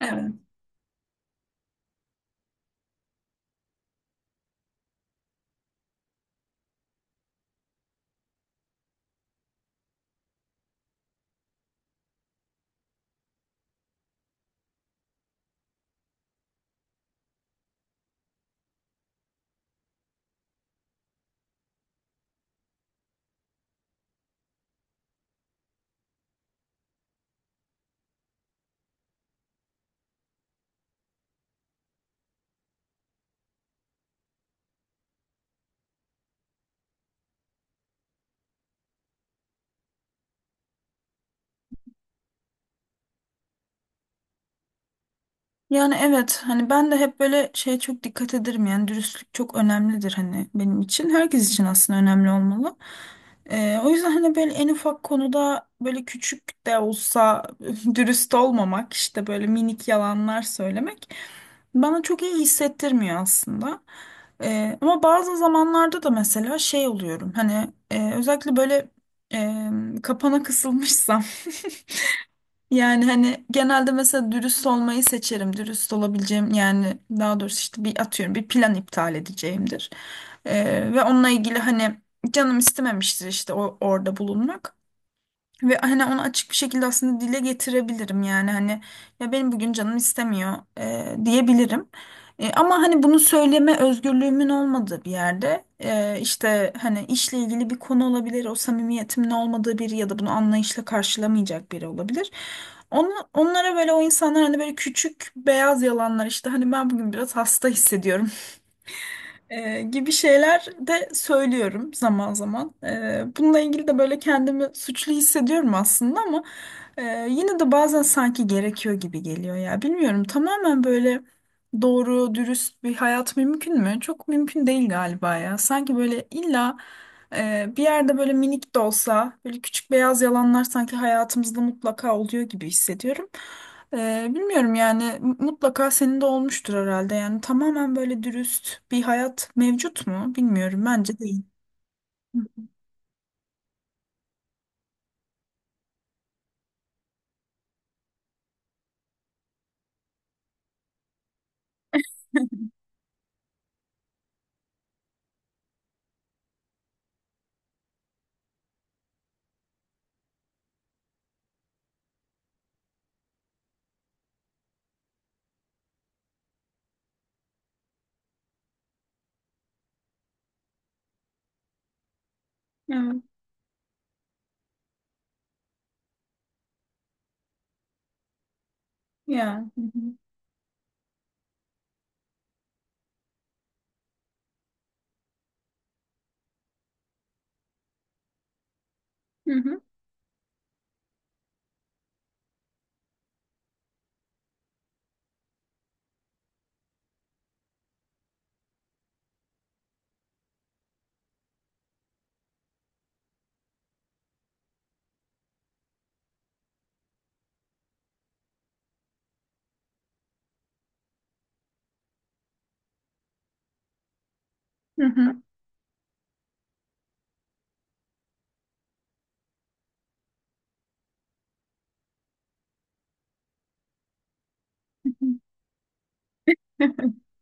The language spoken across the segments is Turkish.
Evet. Yani hani ben de hep böyle şeye çok dikkat ederim, yani dürüstlük çok önemlidir, hani benim için, herkes için aslında önemli olmalı. O yüzden hani böyle en ufak konuda böyle küçük de olsa dürüst olmamak, işte böyle minik yalanlar söylemek bana çok iyi hissettirmiyor aslında. Ama bazı zamanlarda da mesela şey oluyorum, hani özellikle böyle kapana kısılmışsam. Yani hani genelde mesela dürüst olmayı seçerim. Dürüst olabileceğim, yani daha doğrusu işte bir atıyorum bir plan iptal edeceğimdir. Ve onunla ilgili hani canım istememiştir işte orada bulunmak. Ve hani onu açık bir şekilde aslında dile getirebilirim, yani hani ya benim bugün canım istemiyor diyebilirim. Ama hani bunu söyleme özgürlüğümün olmadığı bir yerde, işte hani işle ilgili bir konu olabilir, o samimiyetimin olmadığı biri ya da bunu anlayışla karşılamayacak biri olabilir. Onu, Onlara böyle, o insanlar hani böyle küçük beyaz yalanlar, işte hani ben bugün biraz hasta hissediyorum gibi şeyler de söylüyorum zaman zaman. E, bununla ilgili de böyle kendimi suçlu hissediyorum aslında ama e, yine de bazen sanki gerekiyor gibi geliyor ya. Bilmiyorum, tamamen böyle doğru, dürüst bir hayat mümkün mü? Çok mümkün değil galiba ya. Sanki böyle illa bir yerde böyle minik de olsa böyle küçük beyaz yalanlar sanki hayatımızda mutlaka oluyor gibi hissediyorum. Bilmiyorum yani, mutlaka senin de olmuştur herhalde. Yani tamamen böyle dürüst bir hayat mevcut mu? Bilmiyorum. Bence değil. Evet. Ya. Hı hı. Hı hı. Hı hı.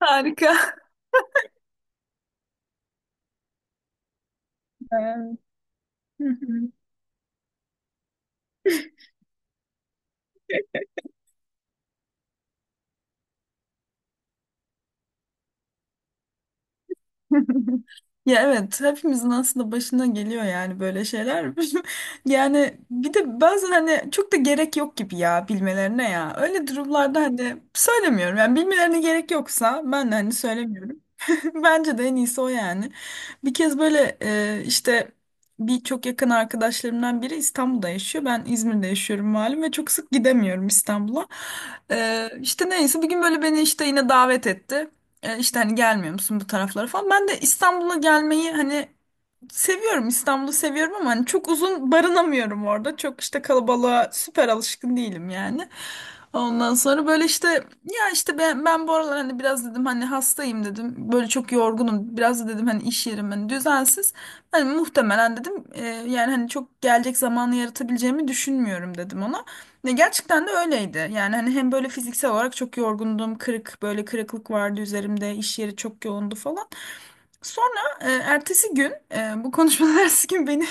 Harika. Evet. Hı hı. Ya evet, hepimizin aslında başına geliyor yani böyle şeyler. Yani bir de bazen hani çok da gerek yok gibi ya, bilmelerine ya. Öyle durumlarda hani söylemiyorum. Yani bilmelerine gerek yoksa ben de hani söylemiyorum. Bence de en iyisi o yani. Bir kez böyle işte bir çok yakın arkadaşlarımdan biri İstanbul'da yaşıyor. Ben İzmir'de yaşıyorum malum ve çok sık gidemiyorum İstanbul'a. E, işte neyse bir gün böyle beni işte yine davet etti. E, işte hani gelmiyor musun bu taraflara falan. Ben de İstanbul'a gelmeyi hani, seviyorum, İstanbul'u seviyorum ama hani çok uzun barınamıyorum orada. Çok işte kalabalığa süper alışkın değilim yani. Ondan sonra böyle işte ya işte ben bu aralar hani biraz dedim hani hastayım dedim. Böyle çok yorgunum. Biraz da dedim hani iş yerim hani düzensiz. Hani muhtemelen dedim yani hani çok gelecek zamanı yaratabileceğimi düşünmüyorum dedim ona. Ne gerçekten de öyleydi. Yani hani hem böyle fiziksel olarak çok yorgundum. Böyle kırıklık vardı üzerimde. İş yeri çok yoğundu falan. Sonra ertesi gün, bu konuşmadan ertesi gün beni,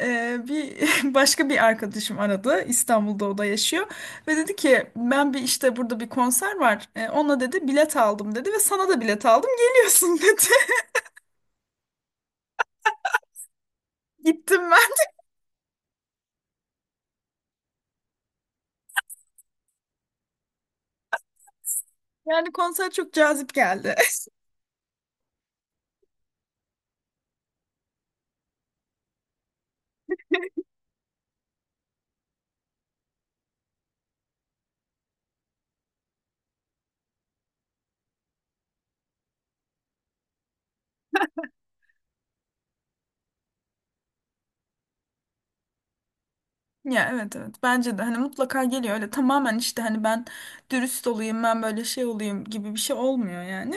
e, bir başka bir arkadaşım aradı. İstanbul'da o da yaşıyor ve dedi ki ben bir, işte burada bir konser var. E, ona dedi bilet aldım dedi ve sana da bilet aldım, geliyorsun dedi. Gittim ben. Yani konser çok cazip geldi. Ya evet, evet, bence de hani mutlaka geliyor. Öyle tamamen işte hani ben dürüst olayım, ben böyle şey olayım gibi bir şey olmuyor yani.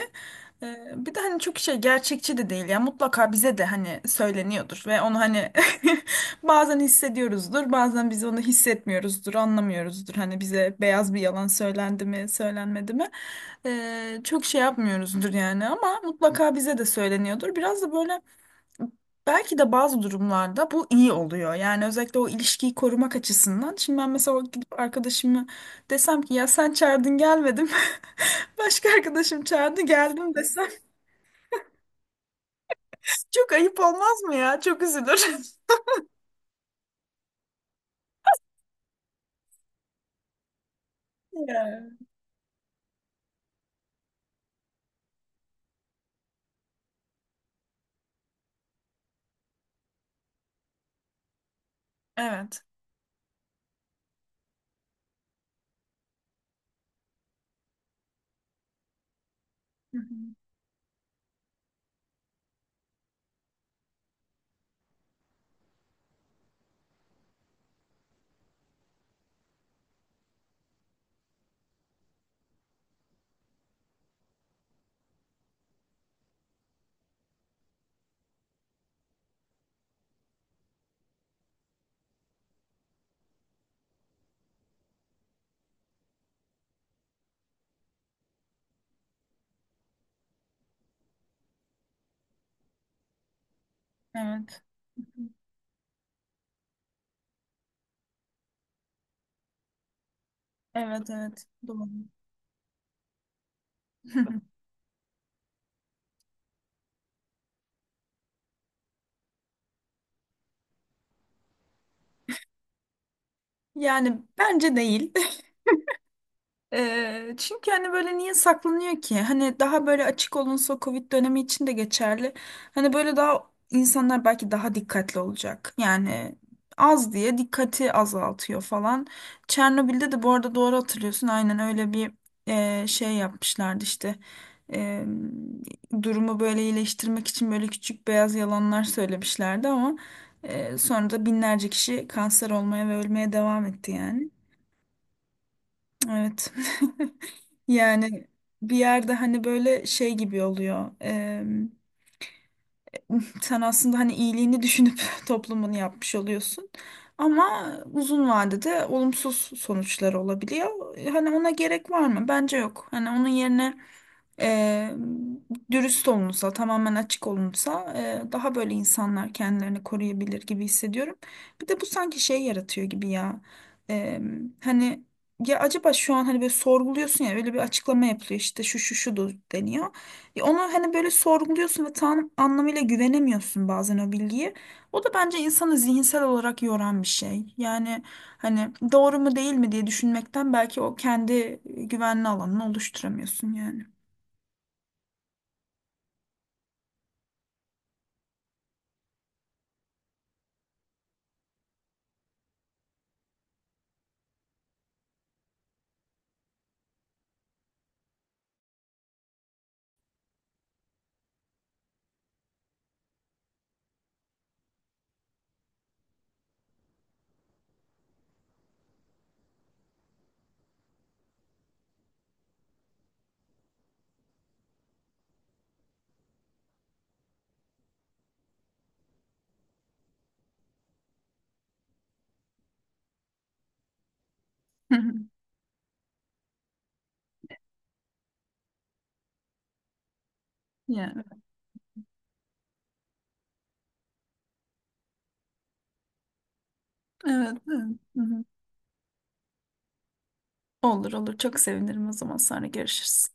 Bir de hani çok şey, gerçekçi de değil ya, mutlaka bize de hani söyleniyordur ve onu hani bazen hissediyoruzdur, bazen biz onu hissetmiyoruzdur, anlamıyoruzdur hani bize beyaz bir yalan söylendi mi söylenmedi mi. Çok şey yapmıyoruzdur yani, ama mutlaka bize de söyleniyordur biraz da böyle. Belki de bazı durumlarda bu iyi oluyor. Yani özellikle o ilişkiyi korumak açısından. Şimdi ben mesela gidip arkadaşımı desem ki ya sen çağırdın gelmedim. Başka arkadaşım çağırdı geldim desem çok ayıp olmaz mı ya? Çok üzülür. Ya. Evet. Hı hı. Evet. Evet evet. Doğru. Yani bence değil. Çünkü hani böyle niye saklanıyor ki? Hani daha böyle açık olunsa, o Covid dönemi için de geçerli. Hani böyle daha insanlar belki daha dikkatli olacak. Yani az diye dikkati azaltıyor falan. Çernobil'de de bu arada doğru hatırlıyorsun. Aynen öyle bir şey yapmışlardı işte. E, Durumu böyle iyileştirmek için böyle küçük beyaz yalanlar söylemişlerdi ama sonra da binlerce kişi kanser olmaya ve ölmeye devam etti yani. Evet. Yani bir yerde hani böyle şey gibi oluyor. Sen aslında hani iyiliğini düşünüp toplumun yapmış oluyorsun. Ama uzun vadede olumsuz sonuçları olabiliyor. Hani ona gerek var mı? Bence yok. Hani onun yerine e, dürüst olunsa, tamamen açık olunsa daha böyle insanlar kendilerini koruyabilir gibi hissediyorum. Bir de bu sanki şey yaratıyor gibi ya. E, hani ya acaba şu an hani böyle sorguluyorsun ya, öyle bir açıklama yapılıyor, işte şu şu şu deniyor. Ya onu hani böyle sorguluyorsun ve tam anlamıyla güvenemiyorsun bazen o bilgiye. O da bence insanı zihinsel olarak yoran bir şey. Yani hani doğru mu değil mi diye düşünmekten belki o kendi güvenli alanını oluşturamıyorsun yani. Yani evet, evet. Hı hı. Olur olur, çok sevinirim, o zaman sonra görüşürüz.